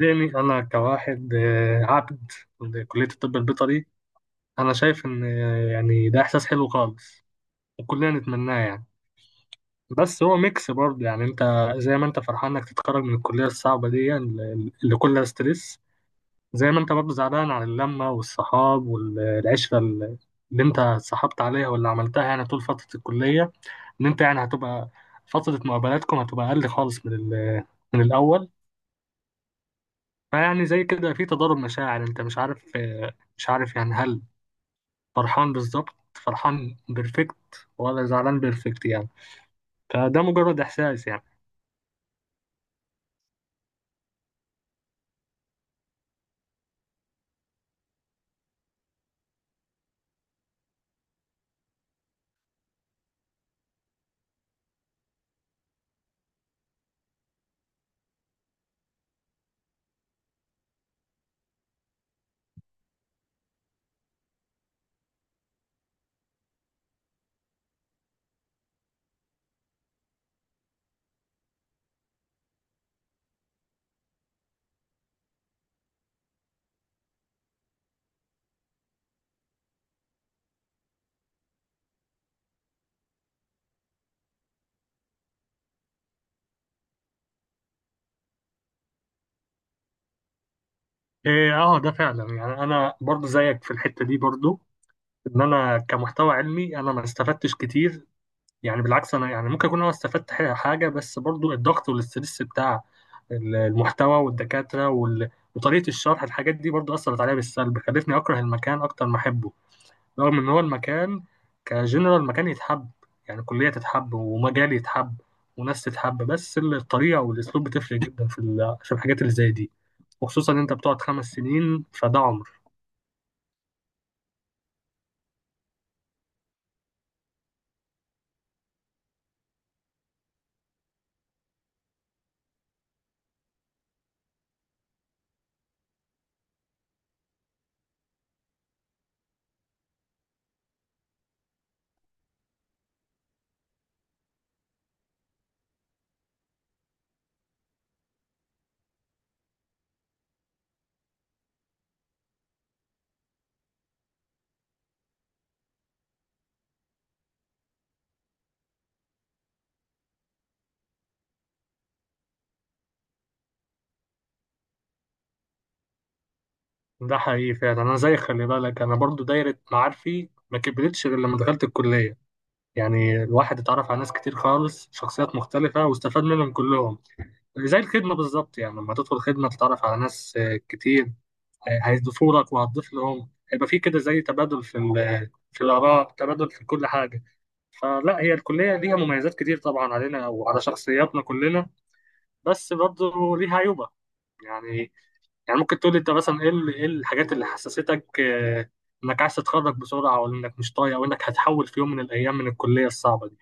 يعني أنا كواحد عبد لكلية الطب البيطري. أنا شايف إن يعني ده إحساس حلو خالص وكلنا نتمناه يعني. بس هو ميكس برضه يعني أنت زي ما أنت فرحان إنك تتخرج من الكلية الصعبة دي اللي كلها ستريس، زي ما أنت برضه زعلان على اللمة والصحاب والعشرة اللي أنت اتصاحبت عليها واللي عملتها يعني طول فترة الكلية، إن أنت يعني هتبقى فترة مقابلاتكم هتبقى أقل خالص من الأول. فيعني زي كده في تضارب مشاعر، انت مش عارف يعني هل فرحان بالظبط، فرحان بيرفكت، ولا زعلان بيرفكت يعني. فده مجرد احساس يعني. ايه اه، ده فعلا، يعني انا برضو زيك في الحتة دي، برضو ان انا كمحتوى علمي انا ما استفدتش كتير. يعني بالعكس، انا يعني ممكن اكون انا استفدت حاجة، بس برضو الضغط والاسترس بتاع المحتوى والدكاترة وطريقة الشرح، الحاجات دي برضو أثرت عليا بالسلب، خلتني أكره المكان أكتر ما أحبه، رغم ان هو المكان كجنرال مكان يتحب. يعني كلية تتحب ومجال يتحب وناس تتحب، بس الطريقة والاسلوب بتفرق جدا في في الحاجات اللي زي دي، وخصوصا ان انت بتقعد 5 سنين فده عمر. ده حقيقي فعلا. انا زي خلي بالك، انا برضو دايرة معارفي ما كبرتش غير لما دخلت الكلية. يعني الواحد اتعرف على ناس كتير خالص، شخصيات مختلفة، واستفاد منهم كلهم. زي الخدمة بالظبط، يعني لما تدخل خدمة تتعرف على ناس كتير هيضيفوا لك وهتضيف لهم، هيبقى في كده زي تبادل في في الآراء، تبادل في كل حاجة. فلا، هي الكلية ليها مميزات كتير طبعا علينا وعلى شخصياتنا كلنا، بس برضه ليها عيوبة يعني. يعني ممكن تقول لي انت مثلا ايه الحاجات اللي حسستك انك عايز تتخرج بسرعة، او انك مش طايق، او انك هتحول في يوم من الايام من الكلية الصعبة دي؟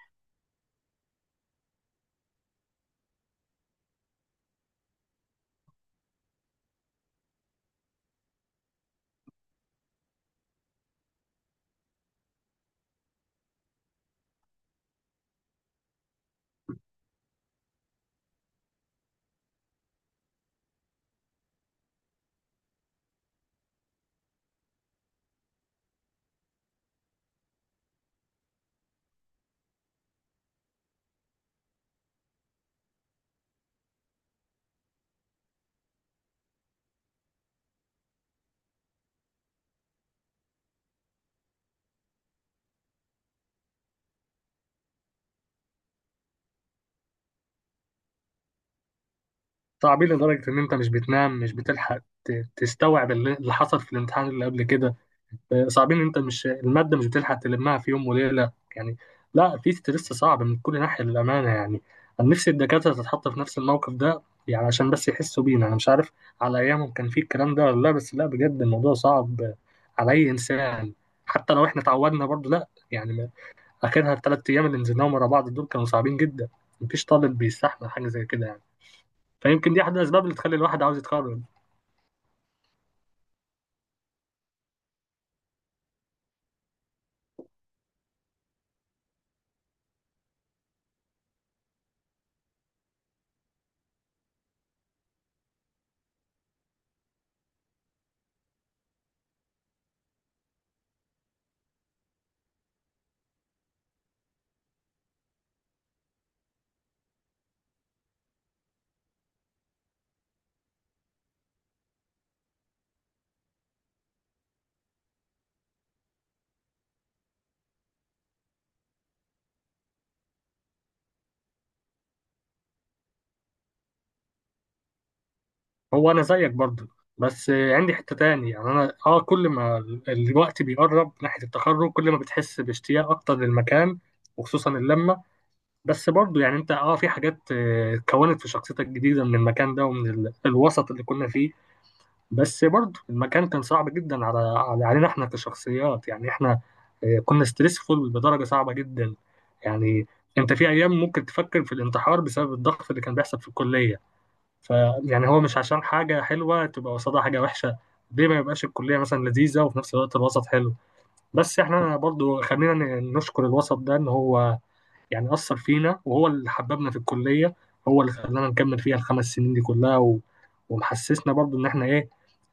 صعبين لدرجة إن أنت مش بتنام، مش بتلحق تستوعب اللي حصل في الامتحان اللي قبل كده. صعبين إن أنت مش، المادة مش بتلحق تلمها في يوم وليلة يعني. لا، في ستريس صعب من كل ناحية للأمانة يعني. أنا نفسي الدكاترة تتحط في نفس الموقف ده، يعني عشان بس يحسوا بينا. أنا مش عارف على أيامهم كان في الكلام ده ولا لا، بس لا، بجد الموضوع صعب على أي إنسان، حتى لو إحنا اتعودنا برضه. لا يعني آخرها 3 أيام اللي نزلناهم ورا بعض دول كانوا صعبين جدا. مفيش طالب بيستحمل حاجة زي كده يعني. فيمكن دي احد الاسباب اللي تخلي الواحد عاوز يتخرج. هو انا زيك برضو، بس عندي حتة تاني. يعني انا كل ما الوقت بيقرب ناحية التخرج، كل ما بتحس باشتياق اكتر للمكان، وخصوصا اللمة. بس برضو يعني انت في حاجات اتكونت في شخصيتك جديدة من المكان ده ومن الوسط اللي كنا فيه، بس برضو المكان كان صعب جدا علينا احنا كشخصيات. يعني احنا كنا ستريسفول بدرجة صعبة جدا يعني. انت في ايام ممكن تفكر في الانتحار بسبب الضغط اللي كان بيحصل في الكلية. ف يعني هو مش عشان حاجة حلوة تبقى قصادها حاجة وحشة. ليه ما يبقاش الكلية مثلا لذيذة وفي نفس الوقت الوسط حلو؟ بس احنا برضو خلينا نشكر الوسط ده ان هو يعني أثر فينا، وهو اللي حببنا في الكلية، هو اللي خلانا نكمل فيها 5 سنين دي كلها، ومحسسنا برضو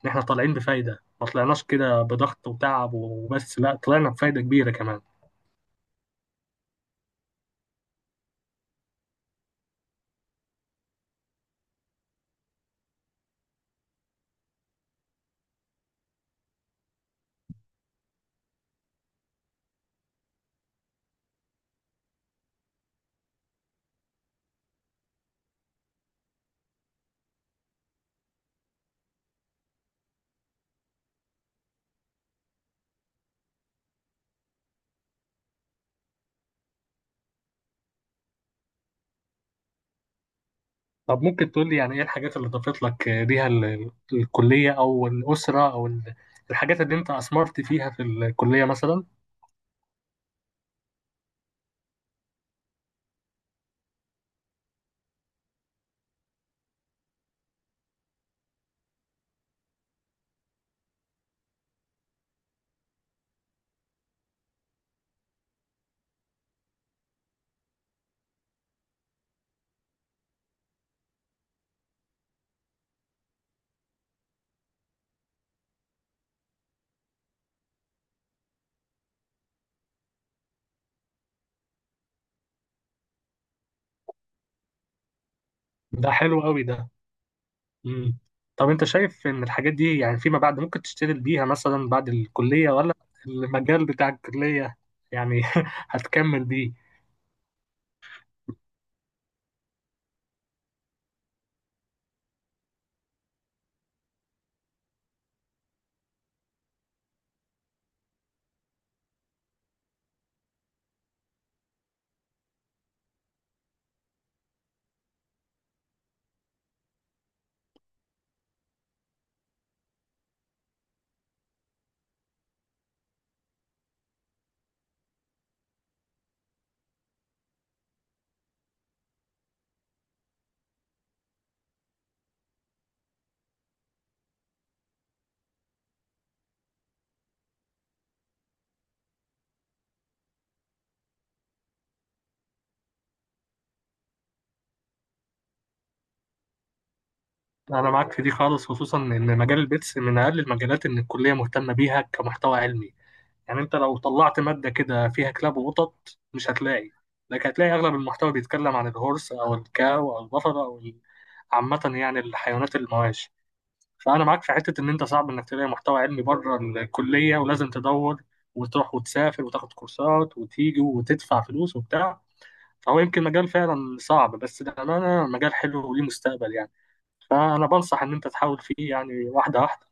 ان احنا طالعين بفايدة، ما طلعناش كده بضغط وتعب وبس، لا، طلعنا بفايدة كبيرة كمان. طب ممكن تقول لي يعني ايه الحاجات اللي ضافت لك، ليها الكلية، او الأسرة، الحاجات اللي انت أثمرت فيها في الكلية مثلا؟ ده حلو قوي ده. مم. طب انت شايف ان الحاجات دي يعني فيما بعد ممكن تشتغل بيها مثلا بعد الكلية، ولا المجال بتاع الكلية يعني هتكمل بيه؟ انا معاك في دي خالص، خصوصا ان مجال البيتس من اقل المجالات ان الكلية مهتمة بيها كمحتوى علمي. يعني انت لو طلعت مادة كده فيها كلاب وقطط مش هتلاقي، لكن هتلاقي اغلب المحتوى بيتكلم عن الهورس او الكاو او البفر عامة يعني الحيوانات المواشي. فانا معاك في حتة ان انت صعب انك تلاقي محتوى علمي بره الكلية، ولازم تدور وتروح وتسافر وتاخد كورسات وتيجي وتدفع فلوس وبتاع. فهو يمكن مجال فعلا صعب، بس للأمانة مجال حلو وليه مستقبل يعني. فأنا بنصح إن أنت تحاول فيه يعني، واحدة واحدة،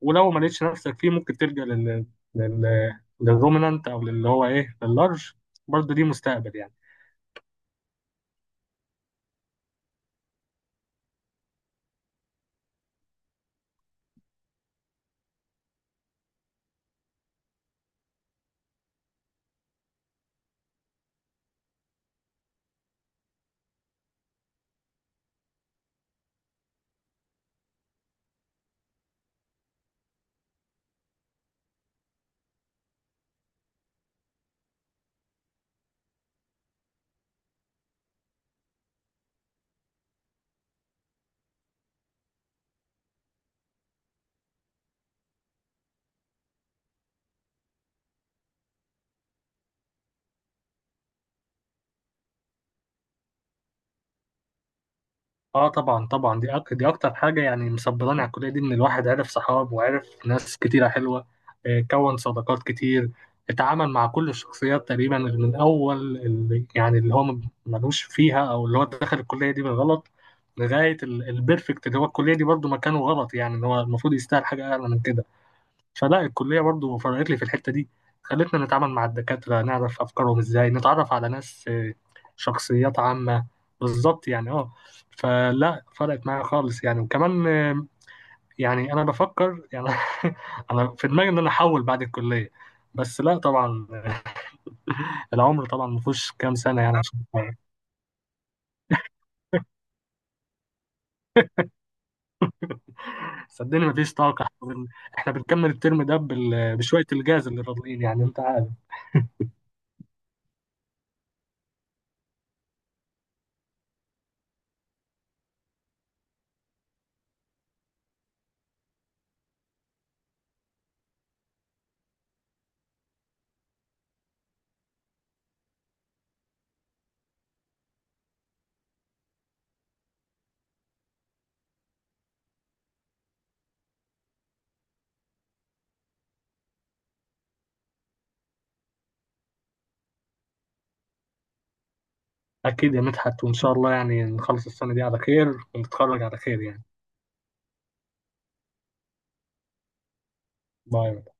ولو ما لقيتش نفسك فيه ممكن تلجأ لل لل للرومنانت، او للي هو لللارج. برضه دي مستقبل يعني. اه طبعا، طبعا، دي اكتر حاجه يعني مصبراني على الكليه دي، ان الواحد عرف صحاب وعرف ناس كتيره حلوه، كون صداقات كتير، اتعامل مع كل الشخصيات تقريبا، من اول اللي يعني اللي هو ملوش فيها او اللي هو دخل الكليه دي بالغلط، لغايه البيرفكت اللي هو الكليه دي برضه مكانه غلط، يعني ان هو المفروض يستاهل حاجه اعلى من كده. فلا، الكلية برضو فرقت لي في الحتة دي، خلتنا نتعامل مع الدكاترة، نعرف أفكارهم إزاي، نتعرف على ناس شخصيات عامة، بالظبط يعني اه. فلا، فرقت معايا خالص يعني. وكمان يعني أنا بفكر يعني أنا في دماغي إن أنا أحول بعد الكلية، بس لا طبعا، العمر طبعا مفيهوش كام سنة يعني، عشان صدقني مفيش طاقة. احنا إحنا بنكمل الترم ده بشوية الجاز اللي فاضلين، يعني انت عارف. أكيد يا مدحت، وإن شاء الله يعني نخلص السنة دي على خير ونتخرج على خير يعني. باي.